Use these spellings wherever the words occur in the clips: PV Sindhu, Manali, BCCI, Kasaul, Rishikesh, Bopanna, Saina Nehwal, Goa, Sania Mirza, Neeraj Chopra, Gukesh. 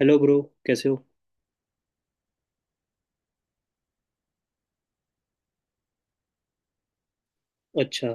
Hello bro, कैसे हो। अच्छा।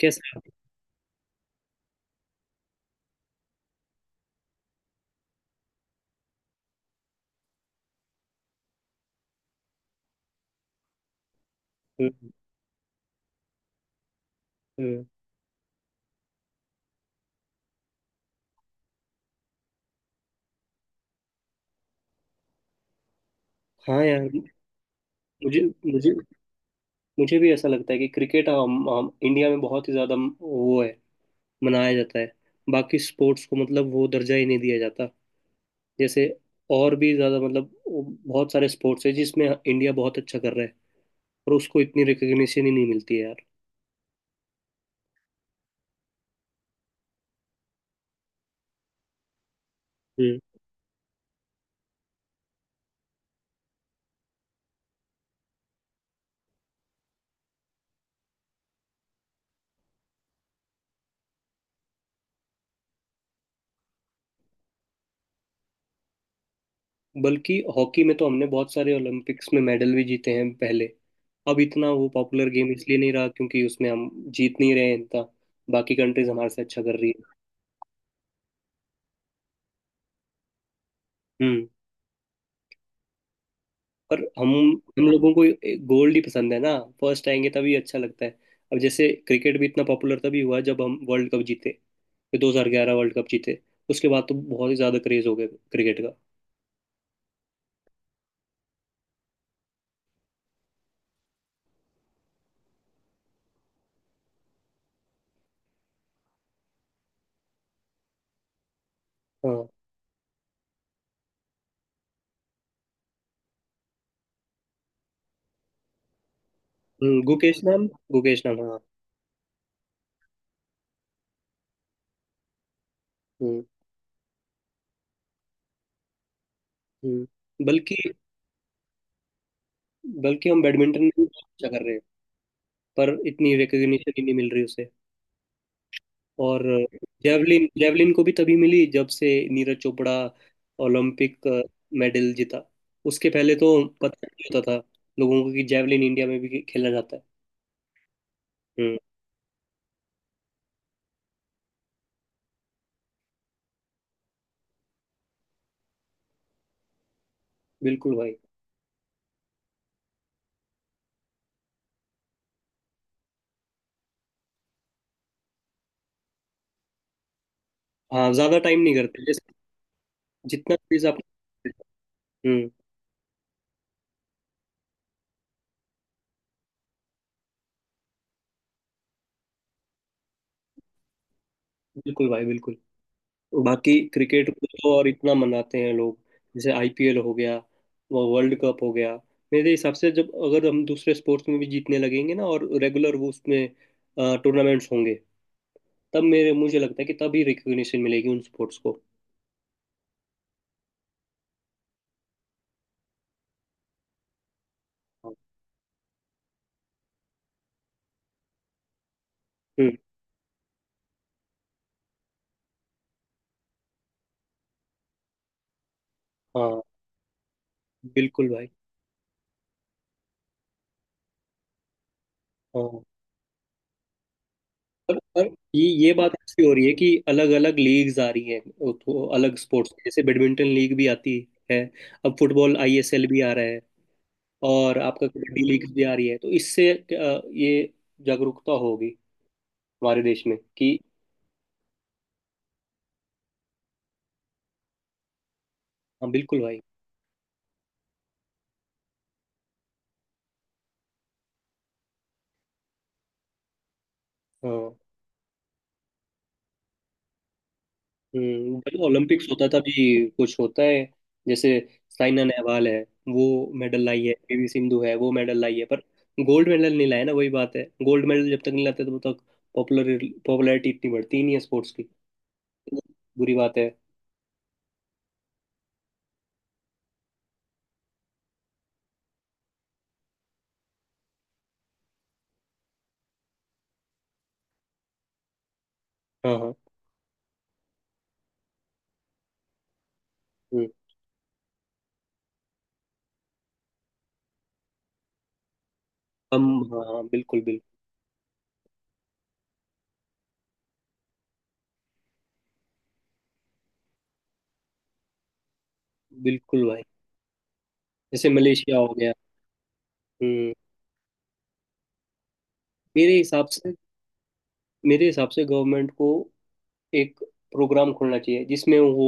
कैसे। हम्म। हम्म। हाँ यार। मुझे मुझे मुझे भी ऐसा लगता है कि क्रिकेट हम इंडिया में बहुत ही ज़्यादा वो है मनाया जाता है। बाकी स्पोर्ट्स को मतलब वो दर्जा ही नहीं दिया जाता, जैसे और भी ज़्यादा मतलब वो बहुत सारे स्पोर्ट्स है जिसमें इंडिया बहुत अच्छा कर रहा है। और उसको इतनी रिकग्निशन ही नहीं मिलती है। यार, बल्कि हॉकी में तो हमने बहुत सारे ओलंपिक्स में मेडल भी जीते हैं पहले। अब इतना वो पॉपुलर गेम इसलिए नहीं रहा क्योंकि उसमें हम जीत नहीं रहे हैं इतना, बाकी कंट्रीज हमारे से अच्छा कर रही है। हम्म। पर हम लोगों को गोल्ड ही पसंद है ना, फर्स्ट आएंगे तभी अच्छा लगता है। अब जैसे क्रिकेट भी इतना पॉपुलर तभी हुआ जब हम वर्ल्ड कप जीते, ये 2011 वर्ल्ड कप जीते। उसके बाद तो बहुत ही ज्यादा क्रेज हो गया क्रिकेट का। हाँ। गुकेश नाम। गुकेश नाम, हाँ। हम्म। हम्म। बल्कि, बल्कि हम बैडमिंटन में भी अच्छा कर रहे हैं। पर इतनी रिकग्निशन ही नहीं मिल रही उसे। और जेवलिन जेवलिन को भी तभी मिली जब से नीरज चोपड़ा ओलंपिक मेडल जीता। उसके पहले तो पता नहीं होता था लोगों को कि जेवलिन इंडिया में भी खेला जाता है। हम्म। बिल्कुल भाई। हाँ, ज्यादा टाइम नहीं करते, जैसे जितना प्लीज आप। हम्म। बिल्कुल भाई, बिल्कुल। बाकी क्रिकेट को तो और इतना मनाते हैं लोग। जैसे आईपीएल हो गया, वो वर्ल्ड कप हो गया। मेरे हिसाब से जब अगर हम दूसरे स्पोर्ट्स में भी जीतने लगेंगे ना, और रेगुलर वो उसमें टूर्नामेंट्स होंगे, तब मेरे मुझे लगता है कि तभी रिकग्निशन मिलेगी उन स्पोर्ट्स को। हम्म। हाँ बिल्कुल भाई। हाँ, पर ये बात ऐसी हो रही है कि अलग अलग लीग्स आ रही हैं, वो तो अलग स्पोर्ट्स, जैसे बैडमिंटन लीग भी आती है। अब फुटबॉल आईएसएल भी आ रहा है, और आपका कबड्डी लीग भी आ रही है, तो इससे ये जागरूकता होगी हमारे देश में कि। हाँ बिल्कुल भाई। हाँ। जब ओलंपिक्स होता था भी कुछ होता है, जैसे साइना नेहवाल है, वो मेडल लाई है, पीवी सिंधु है, वो मेडल लाई है, पर गोल्ड मेडल नहीं लाया ना, वही बात है, गोल्ड मेडल जब तक नहीं लाते तब तक पॉपुलर पॉपुलैरिटी इतनी बढ़ती ही नहीं है स्पोर्ट्स की। बुरी बात है। हाँ, हाँ। हम्म, हम। हाँ, हाँ, बिल्कुल, बिल्कुल। बिल्कुल भाई, जैसे मलेशिया हो गया। हम्म। मेरे हिसाब से, मेरे हिसाब से गवर्नमेंट को एक प्रोग्राम खोलना चाहिए जिसमें वो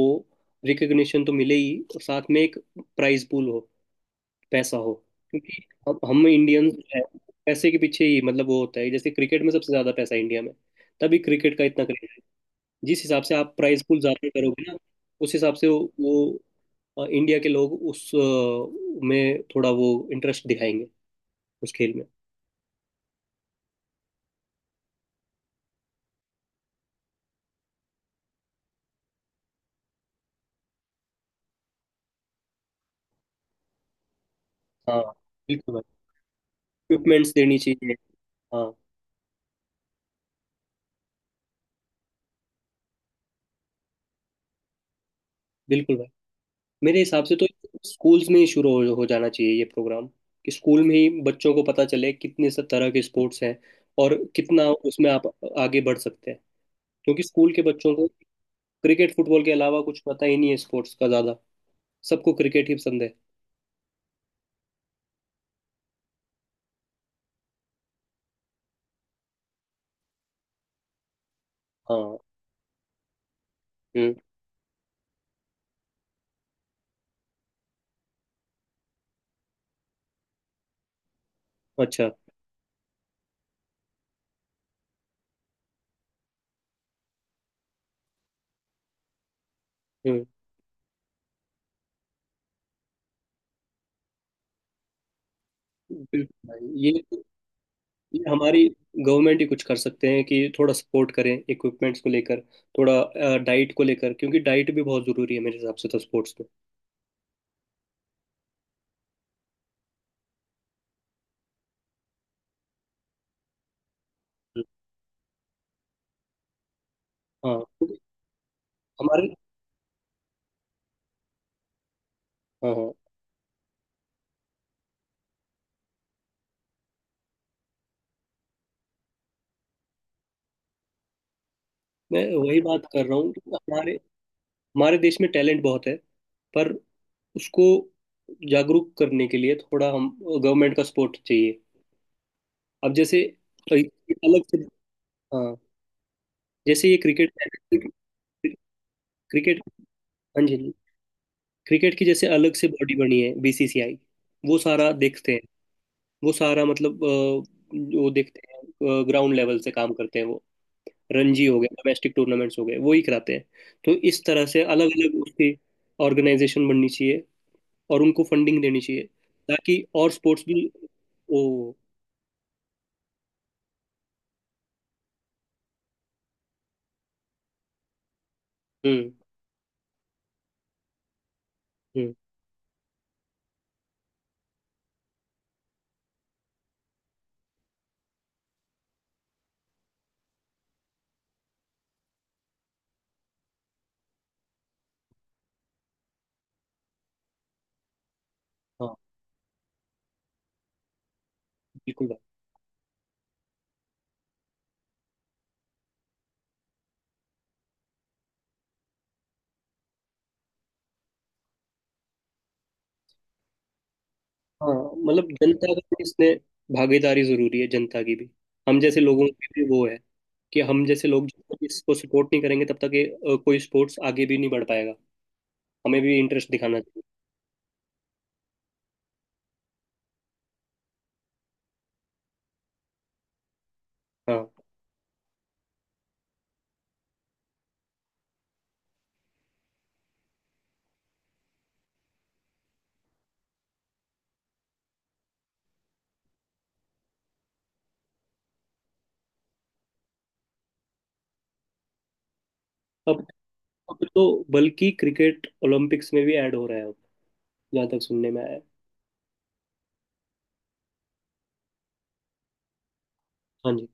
रिकग्निशन तो मिले ही, और साथ में एक प्राइज पूल हो, पैसा हो। क्योंकि अब हम इंडियंस हैं, पैसे के पीछे ही मतलब वो होता है, जैसे क्रिकेट में सबसे ज्यादा पैसा है इंडिया में, तभी क्रिकेट का इतना क्रेज है। जिस हिसाब से आप प्राइज पूल ज्यादा करोगे ना, उस हिसाब से वो इंडिया के लोग उस में थोड़ा वो इंटरेस्ट दिखाएंगे उस खेल में। हाँ बिल्कुल भाई, इक्विपमेंट्स देनी चाहिए। हाँ बिल्कुल भाई, मेरे हिसाब से तो स्कूल्स में ही शुरू हो जाना चाहिए ये प्रोग्राम, कि स्कूल में ही बच्चों को पता चले कितने सब तरह के स्पोर्ट्स हैं, और कितना उसमें आप आगे बढ़ सकते हैं। क्योंकि स्कूल के बच्चों को क्रिकेट फुटबॉल के अलावा कुछ पता ही नहीं है स्पोर्ट्स का ज़्यादा, सबको क्रिकेट ही पसंद है। हाँ। हम्म। अच्छा। हम्म। बिल्कुल भाई, ये हमारी गवर्नमेंट ही कुछ कर सकते हैं कि थोड़ा सपोर्ट करें इक्विपमेंट्स को लेकर, थोड़ा डाइट को लेकर, क्योंकि डाइट भी बहुत ज़रूरी है मेरे हिसाब से तो स्पोर्ट्स में। हम्म, हाँ। क्योंकि हमारे। हाँ, हाँ, मैं वही बात कर रहा हूँ कि हमारे, हमारे देश में टैलेंट बहुत है। पर उसको जागरूक करने के लिए थोड़ा हम गवर्नमेंट का सपोर्ट चाहिए। अब जैसे एक अलग से, हाँ, जैसे ये क्रिकेट, क्रिकेट। हाँ जी, क्रिकेट की जैसे अलग से बॉडी बनी है, बीसीसीआई वो सारा देखते हैं, वो सारा मतलब वो देखते हैं, ग्राउंड लेवल से काम करते हैं वो। रणजी हो गए, डोमेस्टिक टूर्नामेंट्स हो गए, वो ही कराते हैं। तो इस तरह से अलग अलग उसकी ऑर्गेनाइजेशन बननी चाहिए, और उनको फंडिंग देनी चाहिए, ताकि और स्पोर्ट्स भी। ओ। हम्म। हम्म। हाँ बिल्कुल भाई। हाँ मतलब जनता का भी इसमें भागीदारी जरूरी है, जनता की भी, हम जैसे लोगों की भी वो है, कि हम जैसे लोग जब तक इसको सपोर्ट नहीं करेंगे तब तक ये कोई स्पोर्ट्स आगे भी नहीं बढ़ पाएगा। हमें भी इंटरेस्ट दिखाना चाहिए। हाँ। अब अब तो बल्कि क्रिकेट ओलंपिक्स में भी ऐड हो रहा है अब, जहाँ तक सुनने में आया है। हाँ जी।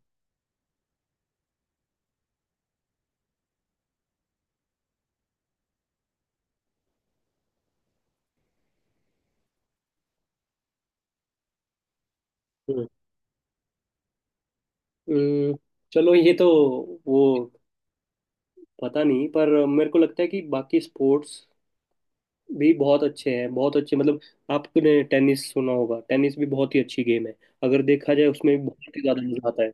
हम्म। हम्म, चलो ये तो वो पता नहीं, पर मेरे को लगता है कि बाकी स्पोर्ट्स भी बहुत अच्छे हैं, बहुत अच्छे मतलब आपने टेनिस सुना होगा, टेनिस भी बहुत ही अच्छी गेम है, अगर देखा जाए उसमें भी बहुत ही ज्यादा मजा आता है,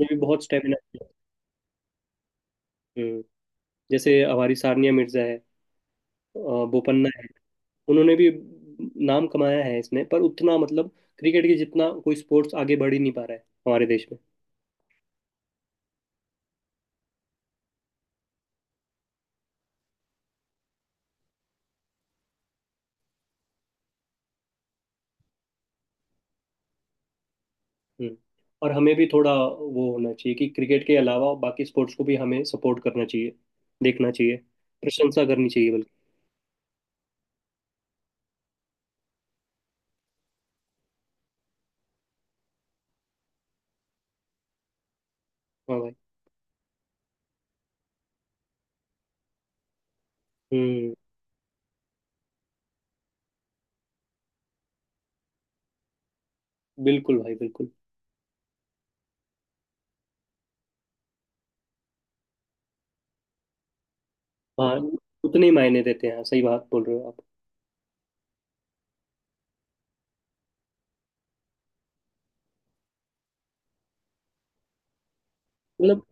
उसमें भी बहुत स्टेमिना। हम्म, जैसे हमारी सानिया मिर्जा है, अ, बोपन्ना है, उन्होंने भी नाम कमाया है इसमें, पर उतना मतलब क्रिकेट के जितना कोई स्पोर्ट्स आगे बढ़ ही नहीं पा रहा है हमारे देश में। हम्म। और हमें भी थोड़ा वो होना चाहिए कि क्रिकेट के अलावा बाकी स्पोर्ट्स को भी हमें सपोर्ट करना चाहिए, देखना चाहिए, प्रशंसा करनी चाहिए बल्कि। हाँ भाई। हम्म। बिल्कुल भाई, बिल्कुल। हाँ, उतने ही मायने देते हैं। हाँ, सही बात बोल रहे हो आप। मतलब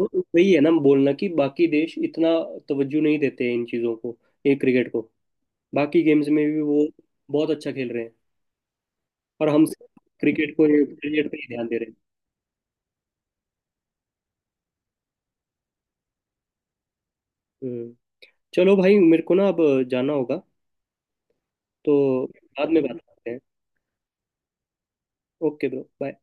वो- वही है ना बोलना कि बाकी देश इतना तवज्जो नहीं देते हैं इन चीज़ों को, ये क्रिकेट को, बाकी गेम्स में भी वो बहुत अच्छा खेल रहे हैं। और हम क्रिकेट को क्रिकेट पे ही ध्यान दे रहे हैं। हम्म। चलो भाई, मेरे को ना अब जाना होगा, तो बाद में बात करते हैं। Okay bro, bye.